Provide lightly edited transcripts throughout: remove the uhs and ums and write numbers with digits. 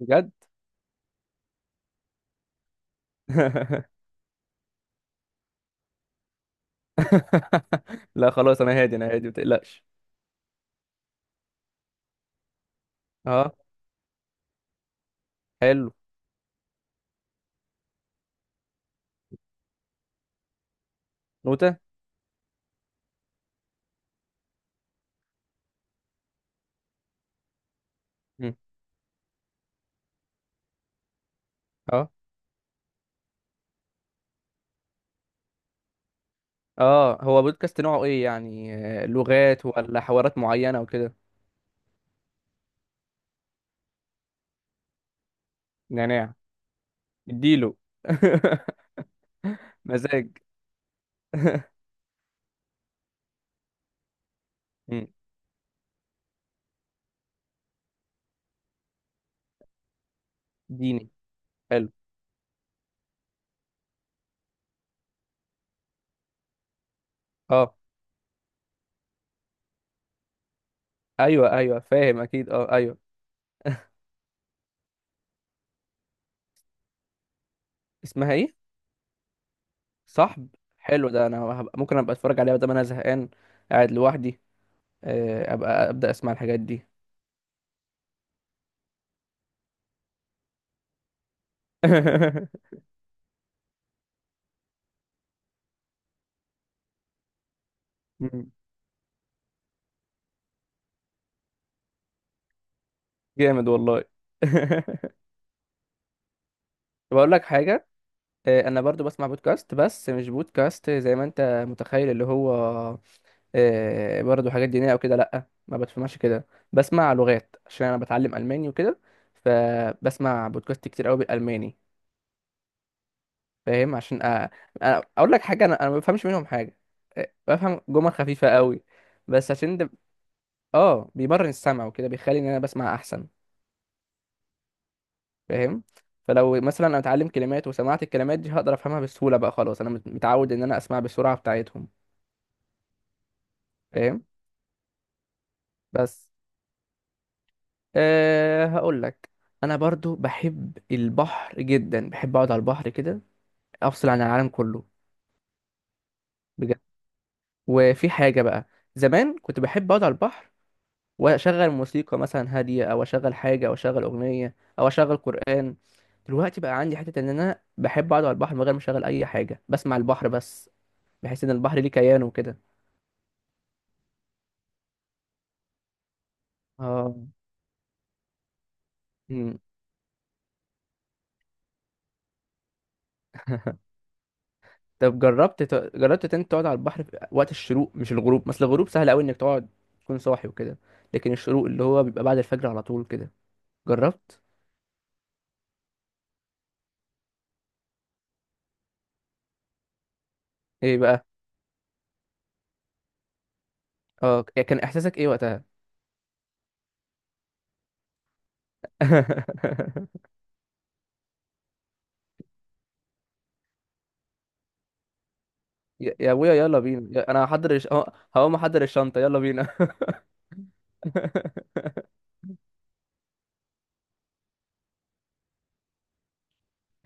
بجد. لا خلاص، انا هادي انا هادي ما تقلقش. اه، حلو. نوتة. مم. اه، اه، هو بودكاست نوعه ايه يعني؟ لغات ولا حوارات معينة وكده. نعناع. اديله. مزاج. مم. ديني. حلو. اه، ايوه، ايوه، فاهم اكيد. اه، ايوه. اسمها ايه؟ صاحب. حلو ده، انا هبقى ممكن ابقى اتفرج عليها بدل ما انا زهقان قاعد لوحدي. ابقى ابدا اسمع الحاجات دي. جامد والله. بقول لك حاجة. أنا برضو بسمع بودكاست بس مش بودكاست زي ما أنت متخيل اللي هو برضو حاجات دينية أو كده. لأ، ما بسمعش كده. بسمع لغات عشان أنا بتعلم ألماني وكده. فبسمع بودكاست كتير أوي بالألماني. فاهم عشان أقول لك حاجة. أنا ما بفهمش منهم حاجة. بفهم جمل خفيفة أوي. بس عشان ده بيمرن السمع وكده بيخلي إن أنا بسمع أحسن. فاهم. فلو مثلا انا اتعلم كلمات وسمعت الكلمات دي هقدر افهمها بسهوله. بقى خلاص انا متعود ان انا اسمع بالسرعه بتاعتهم. فاهم. بس هقول لك، انا برضو بحب البحر جدا، بحب اقعد على البحر كده افصل عن العالم كله. بجد. وفي حاجه بقى، زمان كنت بحب اقعد على البحر واشغل موسيقى مثلا هاديه او اشغل حاجه او اشغل اغنيه او اشغل قران. دلوقتي بقى عندي حته ان انا بحب اقعد على البحر من غير ما اشغل اي حاجه، بسمع البحر بس. بحس ان البحر ليه كيان وكده. اه. مم. طب جربت إن انت تقعد على البحر في وقت الشروق مش الغروب؟ مثل الغروب سهل قوي انك تقعد تكون صاحي وكده، لكن الشروق اللي هو بيبقى بعد الفجر على طول كده. جربت؟ ايه بقى؟ اه، كان احساسك ايه وقتها؟ يا ابويا يلا بينا انا هحضر الش... اه، هقوم احضر الشنطة يلا بينا.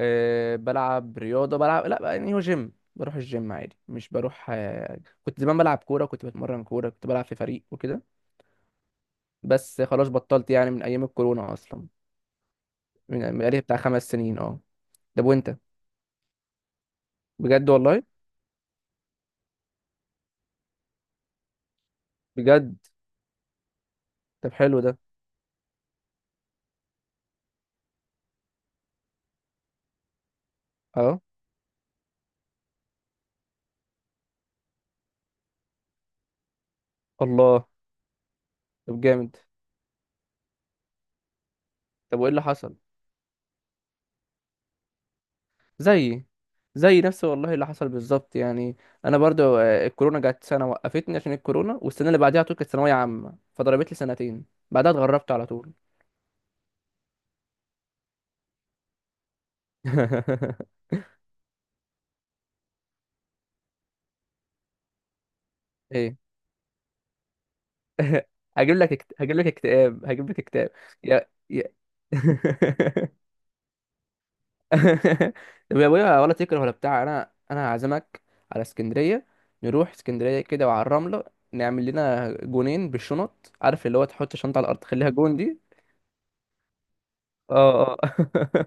بلعب رياضة. بلعب لا بقى، يعني هو جيم بروح الجيم عادي مش بروح كنت زمان بلعب كورة، كنت بتمرن كورة، كنت بلعب في فريق وكده. بس خلاص بطلت يعني من ايام الكورونا اصلا. من يعني بقالي بتاع 5 سنين. اه، طب وانت؟ بجد والله. بجد. طب حلو ده. اه. الله. طب جامد. طب وايه اللي حصل؟ زيي. زي نفس والله اللي حصل بالظبط يعني. انا برضو الكورونا جت سنه وقفتني عشان الكورونا، والسنه اللي بعديها على طول كانت ثانويه عامه فضربت لي سنتين. بعدها اتغربت على طول. ايه! هجيب لك اكتئاب، هجيب لك اكتئاب. يا، يا. طب يا ابويا ولا تكره ولا بتاع، انا هعزمك على اسكندريه، نروح اسكندريه كده وعلى الرمله، نعمل لنا جونين بالشنط، عارف اللي هو تحط الشنطه على الارض تخليها جون دي. اه، اه.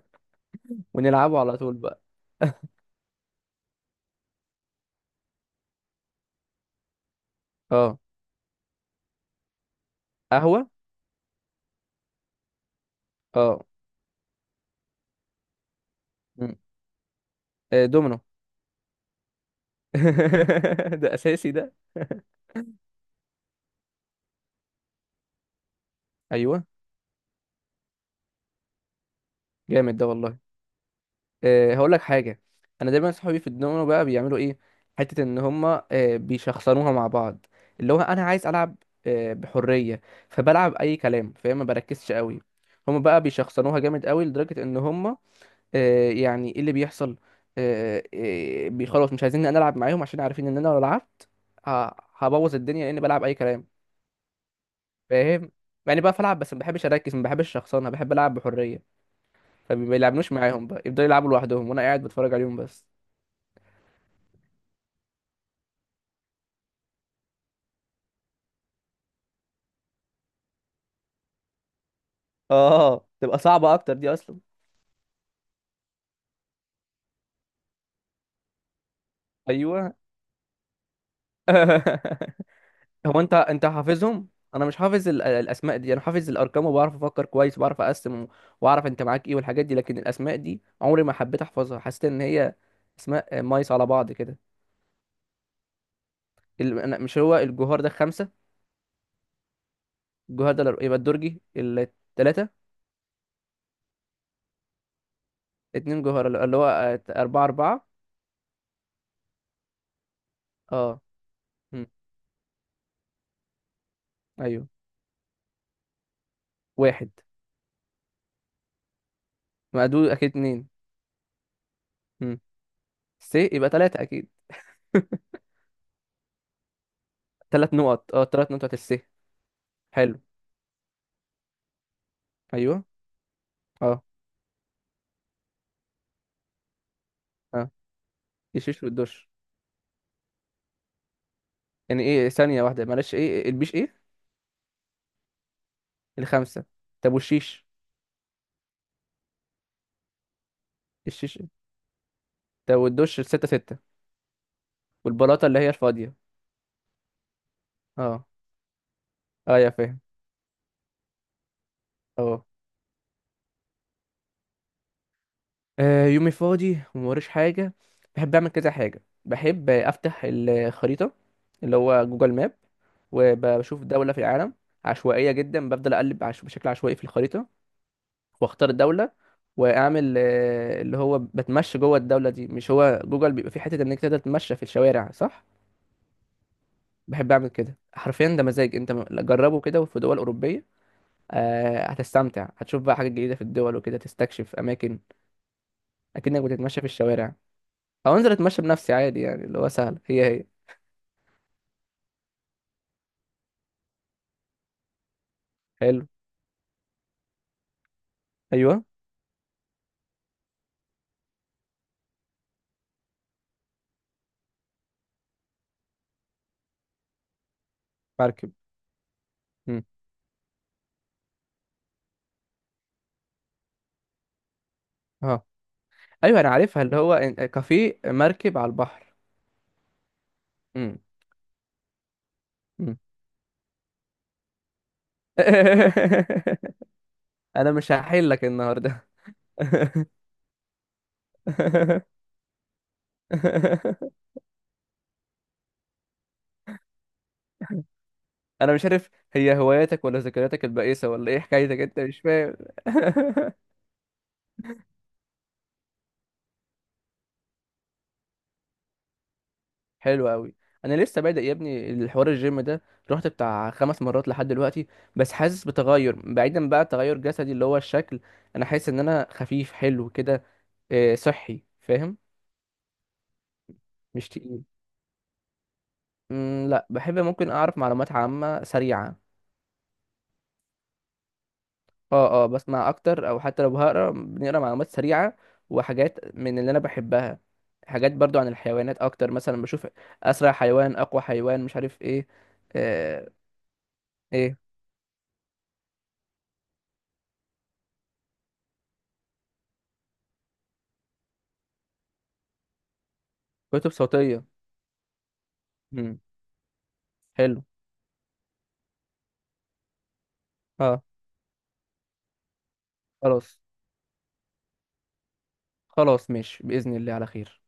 ونلعبه على طول بقى. اه، قهوه. اه، مم. دومينو. ده اساسي ده. ايوه، جامد ده والله. هقول لك حاجه. انا دايما صحابي في الدومينو بقى بيعملوا ايه، حته ان هما بيشخصنوها مع بعض. اللي هو انا عايز العب بحريه، فبلعب اي كلام فاهم، ما بركزش قوي. هما بقى بيشخصنوها جامد قوي لدرجه ان هما يعني ايه اللي بيحصل، أه أه خلاص مش عايزين إن انا العب معاهم عشان عارفين ان انا لو لعبت هبوظ الدنيا لاني بلعب اي كلام. فاهم؟ يعني بقى بلعب بس ما بحبش اركز، ما بحبش شخصنة، بحب العب بحريه. فما بيلعبنوش معاهم بقى، يفضلوا يلعبوا لوحدهم وانا قاعد بتفرج عليهم بس. اه، تبقى صعبة اكتر دي اصلا. ايوه. هو انت حافظهم؟ انا مش حافظ الاسماء دي. انا حافظ الارقام وبعرف افكر كويس وبعرف اقسم واعرف انت معاك ايه والحاجات دي، لكن الاسماء دي عمري ما حبيت احفظها. حسيت ان هي اسماء مايس على بعض كده. مش هو الجوهر ده خمسة؟ الجوهر ده يبقى الدرجي التلاتة. اتنين جوهر اللي هو أربعة أربعة. اه، مم. أيوه، واحد. مقدود أكيد اتنين. مم. س يبقى تلاتة أكيد. تلات نقط. اه، تلات نقط الس. حلو. ايوه. اه، اه. الشيش والدش. يعني ايه؟ ثانية واحدة معلش، ايه البيش؟ ايه الخمسة؟ طب والشيش؟ الشيش. طب والدش؟ الستة، ستة. والبلاطة اللي هي الفاضية. اه، اه يا فاهم. اه. يومي فاضي وموريش حاجة، بحب أعمل كذا حاجة. بحب أفتح الخريطة، اللي هو جوجل ماب، وبشوف دولة في العالم عشوائية جدا. بفضل بشكل عشوائي في الخريطة واختار الدوله، واعمل اللي هو بتمشى جوه الدوله دي. مش هو جوجل بيبقى في حته انك تقدر تتمشى في الشوارع صح؟ بحب اعمل كده. حرفيا ده مزاج. انت جربه كده في دول اوروبيه. هتستمتع، هتشوف بقى حاجات جديده في الدول وكده، تستكشف اماكن اكنك بتتمشى في الشوارع. او انزل اتمشى بنفسي عادي، يعني اللي هو سهل. هي هي. حلو. ايوه. مركب. امم. اه، ايوه انا عارفها، اللي هو كافيه مركب على البحر. امم. امم، انا مش هحلك النهارده. انا مش عارف هي هواياتك ولا ذكرياتك البائسه ولا ايه حكايتك؟ انت مش فاهم. حلو قوي. انا لسه بادئ يا ابني الحوار الجيم ده. رحت بتاع 5 مرات لحد دلوقتي. بس حاسس بتغير، بعيدا بقى تغير جسدي اللي هو الشكل. انا حاسس ان انا خفيف حلو كده. صحي فاهم. مش تقيل. مم، لا بحب ممكن اعرف معلومات عامه سريعه. اه، اه، بسمع اكتر او حتى لو هقرا، بنقرا معلومات سريعه وحاجات من اللي انا بحبها. حاجات برضو عن الحيوانات اكتر، مثلا بشوف اسرع حيوان، اقوى حيوان، مش عارف ايه. آه. ايه؟ كتب صوتيه. امم. حلو. اه. خلاص. خلاص ماشي باذن الله على خير.